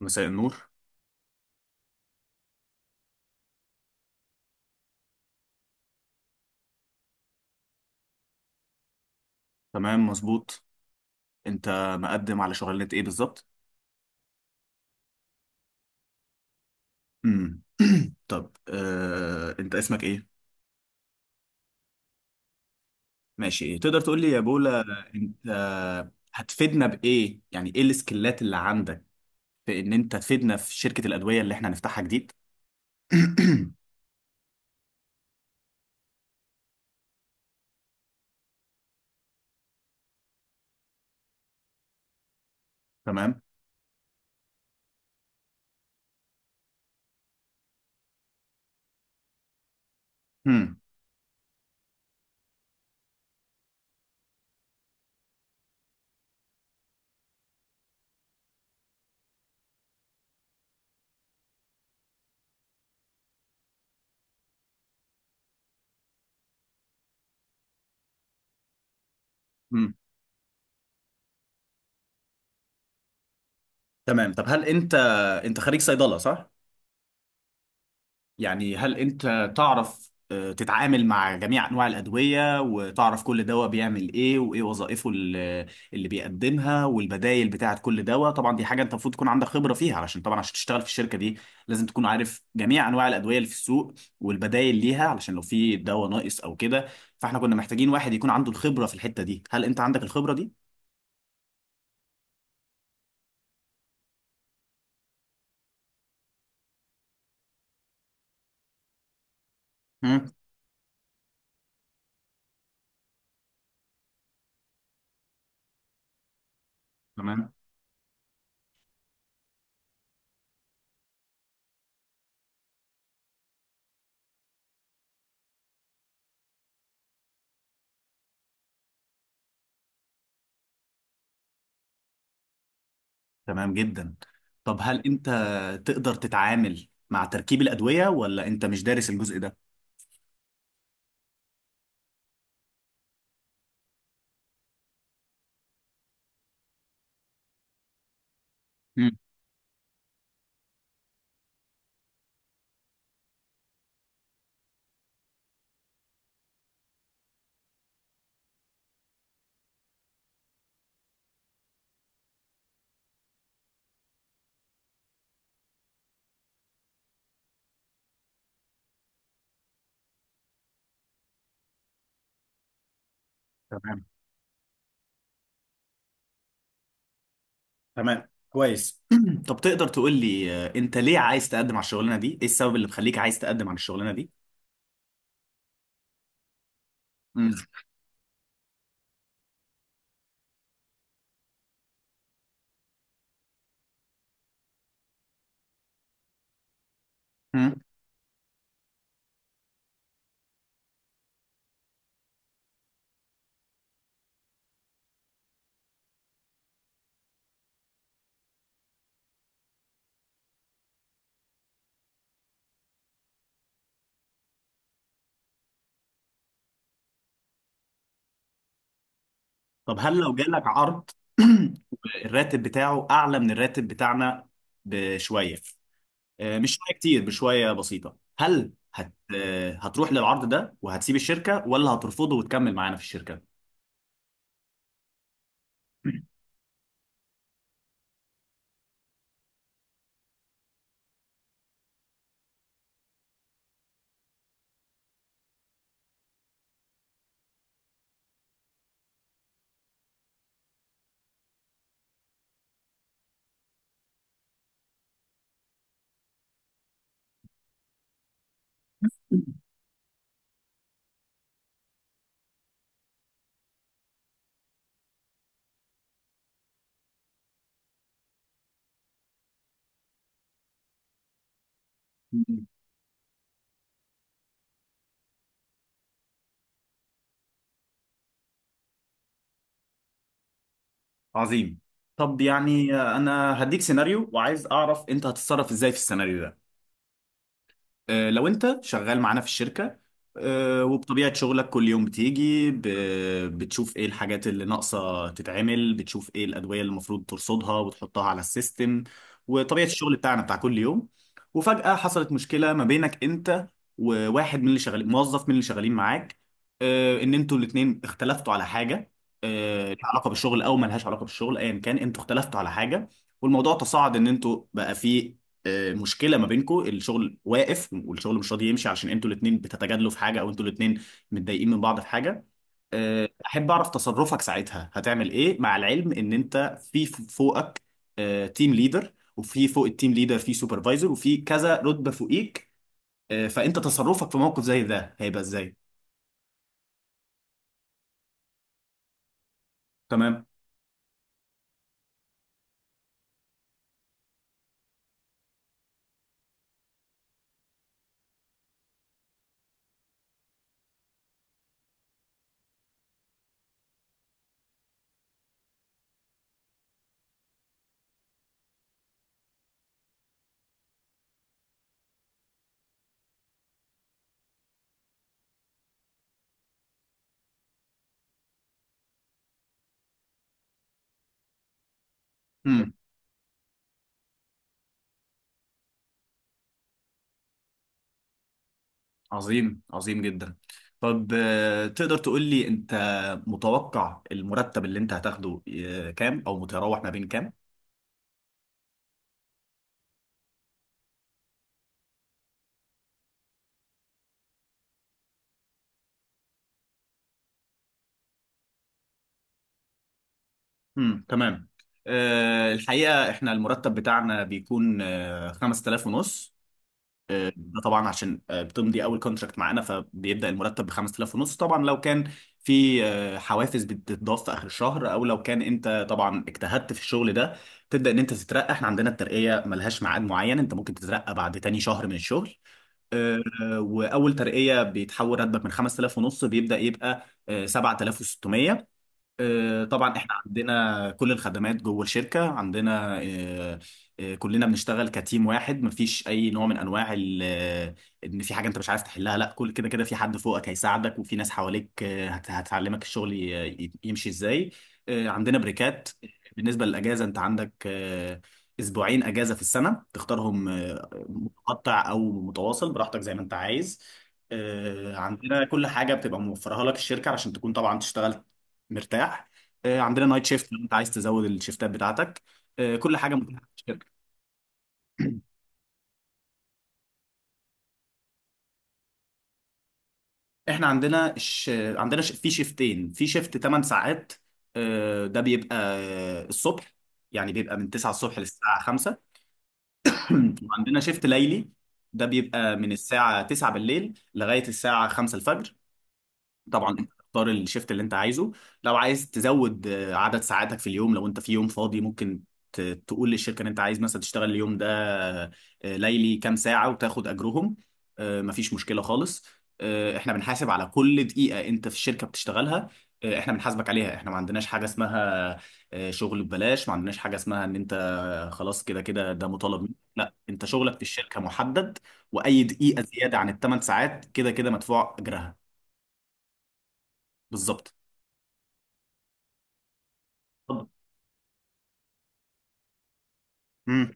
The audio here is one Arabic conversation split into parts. مساء النور. تمام مظبوط. انت مقدم على شغلانة ايه بالظبط؟ امم طب، انت اسمك ايه؟ ماشي، ايه تقدر تقول لي يا بولا؟ انت هتفيدنا بايه؟ يعني ايه السكيلات اللي عندك في ان انت تفيدنا في شركة الأدوية اللي احنا هنفتحها جديد؟ تمام. امم امم تمام. طب هل انت خريج صيدلة، صح؟ يعني هل انت تعرف، تتعامل مع جميع انواع الادويه وتعرف كل دواء بيعمل ايه وايه وظائفه، اللي بيقدمها والبدائل بتاعه كل دواء؟ طبعا دي حاجه انت المفروض تكون عندك خبره فيها، علشان طبعا عشان تشتغل في الشركه دي لازم تكون عارف جميع انواع الادويه اللي في السوق والبدائل ليها، علشان لو في دواء ناقص او كده. فاحنا كنا محتاجين واحد يكون عنده الخبره في الحته دي. هل انت عندك الخبره دي؟ مم. تمام. تمام جدا. طب هل انت تقدر تتعامل مع تركيب الادويه، ولا انت مش دارس الجزء ده؟ مم. تمام. تمام كويس. طب تقدر تقول لي، انت ليه عايز تقدم على الشغلانه دي؟ ايه السبب اللي مخليك عايز تقدم على الشغلانه دي؟ مم. مم. طب هل لو جالك عرض الراتب بتاعه اعلى من الراتب بتاعنا بشويه، مش شويه كتير، بشويه بسيطه، هل هت... آه، هتروح للعرض ده وهتسيب الشركه، ولا هترفضه وتكمل معانا في الشركه؟ مم. عظيم. طب يعني، انا هديك سيناريو، وعايز اعرف انت هتتصرف ازاي في السيناريو ده. لو انت شغال معانا في الشركة، وبطبيعة شغلك كل يوم بتيجي بتشوف ايه الحاجات اللي ناقصة تتعمل، بتشوف ايه الأدوية اللي المفروض ترصدها وتحطها على السيستم، وطبيعة الشغل بتاعنا بتاع كل يوم. وفجأة حصلت مشكلة ما بينك انت، وواحد من اللي شغالين، موظف من اللي شغالين معاك. ان انتوا الاتنين اختلفتوا على حاجة، لها علاقة بالشغل او ملهاش علاقة بالشغل، ايا كان انتوا اختلفتوا على حاجة. والموضوع تصاعد ان انتوا بقى فيه، مشكله ما بينكم، الشغل واقف والشغل مش راضي يمشي عشان انتوا الاثنين بتتجادلوا في حاجه، او انتوا الاثنين متضايقين من بعض في حاجه. احب اعرف تصرفك ساعتها هتعمل ايه، مع العلم ان انت في فوقك تيم ليدر، وفي فوق التيم ليدر في سوبرفايزر، وفي كذا رتبه فوقيك. فانت تصرفك في موقف زي ده هيبقى ازاي؟ تمام. امم. عظيم. عظيم جدا. طب تقدر تقول لي انت متوقع المرتب اللي انت هتاخده كام، او متراوح ما بين كام؟ امم. تمام. الحقيقة احنا المرتب بتاعنا بيكون 5000 ونص. ده طبعا عشان بتمضي اول كونتراكت معانا، فبيبدأ المرتب ب 5000 ونص. طبعا لو كان في حوافز بتتضاف في اخر الشهر، او لو كان انت طبعا اجتهدت في الشغل ده تبدأ ان انت تترقى. احنا عندنا الترقية ملهاش ميعاد معين، انت ممكن تترقى بعد تاني شهر من الشغل. واول ترقية بيتحول راتبك من 5000 ونص، بيبدأ يبقى 7600. طبعا احنا عندنا كل الخدمات جوه الشركة. عندنا كلنا بنشتغل كتيم واحد، مفيش اي نوع من انواع ان في حاجة انت مش عايز تحلها، لا، كل كده كده في حد فوقك هيساعدك، وفي ناس حواليك هتعلمك الشغل يمشي ازاي. عندنا بريكات. بالنسبة للأجازة انت عندك، اسبوعين أجازة في السنة تختارهم، متقطع او متواصل، براحتك زي ما انت عايز. عندنا كل حاجة بتبقى موفرها لك الشركة عشان تكون طبعا تشتغل مرتاح. عندنا نايت شيفت لو انت عايز تزود الشيفتات بتاعتك. كل حاجه متاحه في الشركه. احنا في شيفتين. في شيفت 8 ساعات، ده بيبقى الصبح، يعني بيبقى من 9 الصبح للساعه 5. وعندنا شيفت ليلي، ده بيبقى من الساعه 9 بالليل لغايه الساعه 5 الفجر. طبعا انت تختار الشيفت اللي انت عايزه. لو عايز تزود عدد ساعاتك في اليوم، لو انت في يوم فاضي ممكن ت- تقول للشركه ان انت عايز مثلا تشتغل اليوم ده ليلي كام ساعه، وتاخد اجرهم. مفيش مشكله خالص. احنا بنحاسب على كل دقيقه انت في الشركه بتشتغلها. احنا بنحاسبك عليها. احنا ما عندناش حاجه اسمها شغل ببلاش، ما عندناش حاجه اسمها ان انت خلاص كده كده ده مطالب منك، لا، انت شغلك في الشركه محدد. واي دقيقه زياده عن الثمان ساعات كده كده مدفوع اجرها. بالظبط. اتفضل. مم.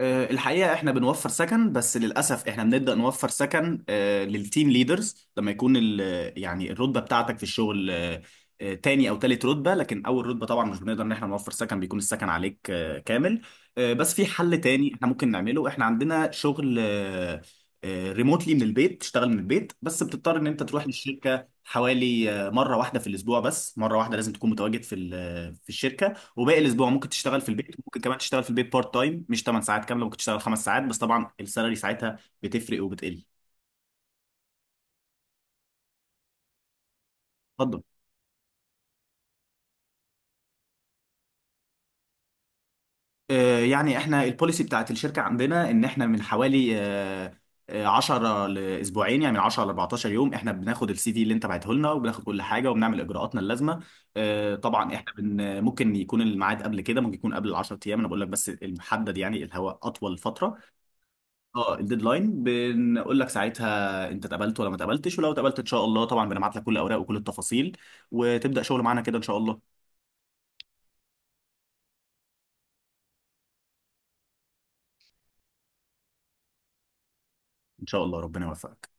الحقيقة احنا بنوفر سكن، بس للأسف احنا بنبدأ نوفر سكن للتيم ليدرز لما يكون يعني الرتبة بتاعتك في الشغل، تاني أو تالت رتبة. لكن أول رتبة طبعا مش بنقدر إن احنا نوفر سكن، بيكون السكن عليك كامل. بس في حل تاني احنا ممكن نعمله. احنا عندنا شغل ريموتلي من البيت، تشتغل من البيت، بس بتضطر إن أنت تروح للشركة حوالي مرة واحدة في الأسبوع، بس مرة واحدة لازم تكون متواجد في في الشركة. وباقي الاسبوع ممكن تشتغل في البيت، ممكن كمان تشتغل في البيت بارت تايم مش 8 ساعات كامله، ممكن تشتغل 5 ساعات بس، طبعا السالري ساعتها بتفرق وبتقل. اتفضل. يعني احنا البوليسي بتاعت الشركه عندنا ان احنا من حوالي 10 لاسبوعين، يعني من 10 ل 14 يوم احنا بناخد السي في اللي انت بعته لنا، وبناخد كل حاجه وبنعمل اجراءاتنا اللازمه. طبعا احنا ممكن يكون الميعاد قبل كده، ممكن يكون قبل ال 10 ايام، انا بقول لك بس المحدد يعني اللي هو اطول فتره. اه، الديدلاين بنقول لك ساعتها انت اتقبلت ولا ما اتقبلتش، ولو اتقبلت ان شاء الله طبعا بنبعت لك كل الاوراق وكل التفاصيل وتبدا شغل معانا كده ان شاء الله. ان شاء الله. ربنا يوفقك.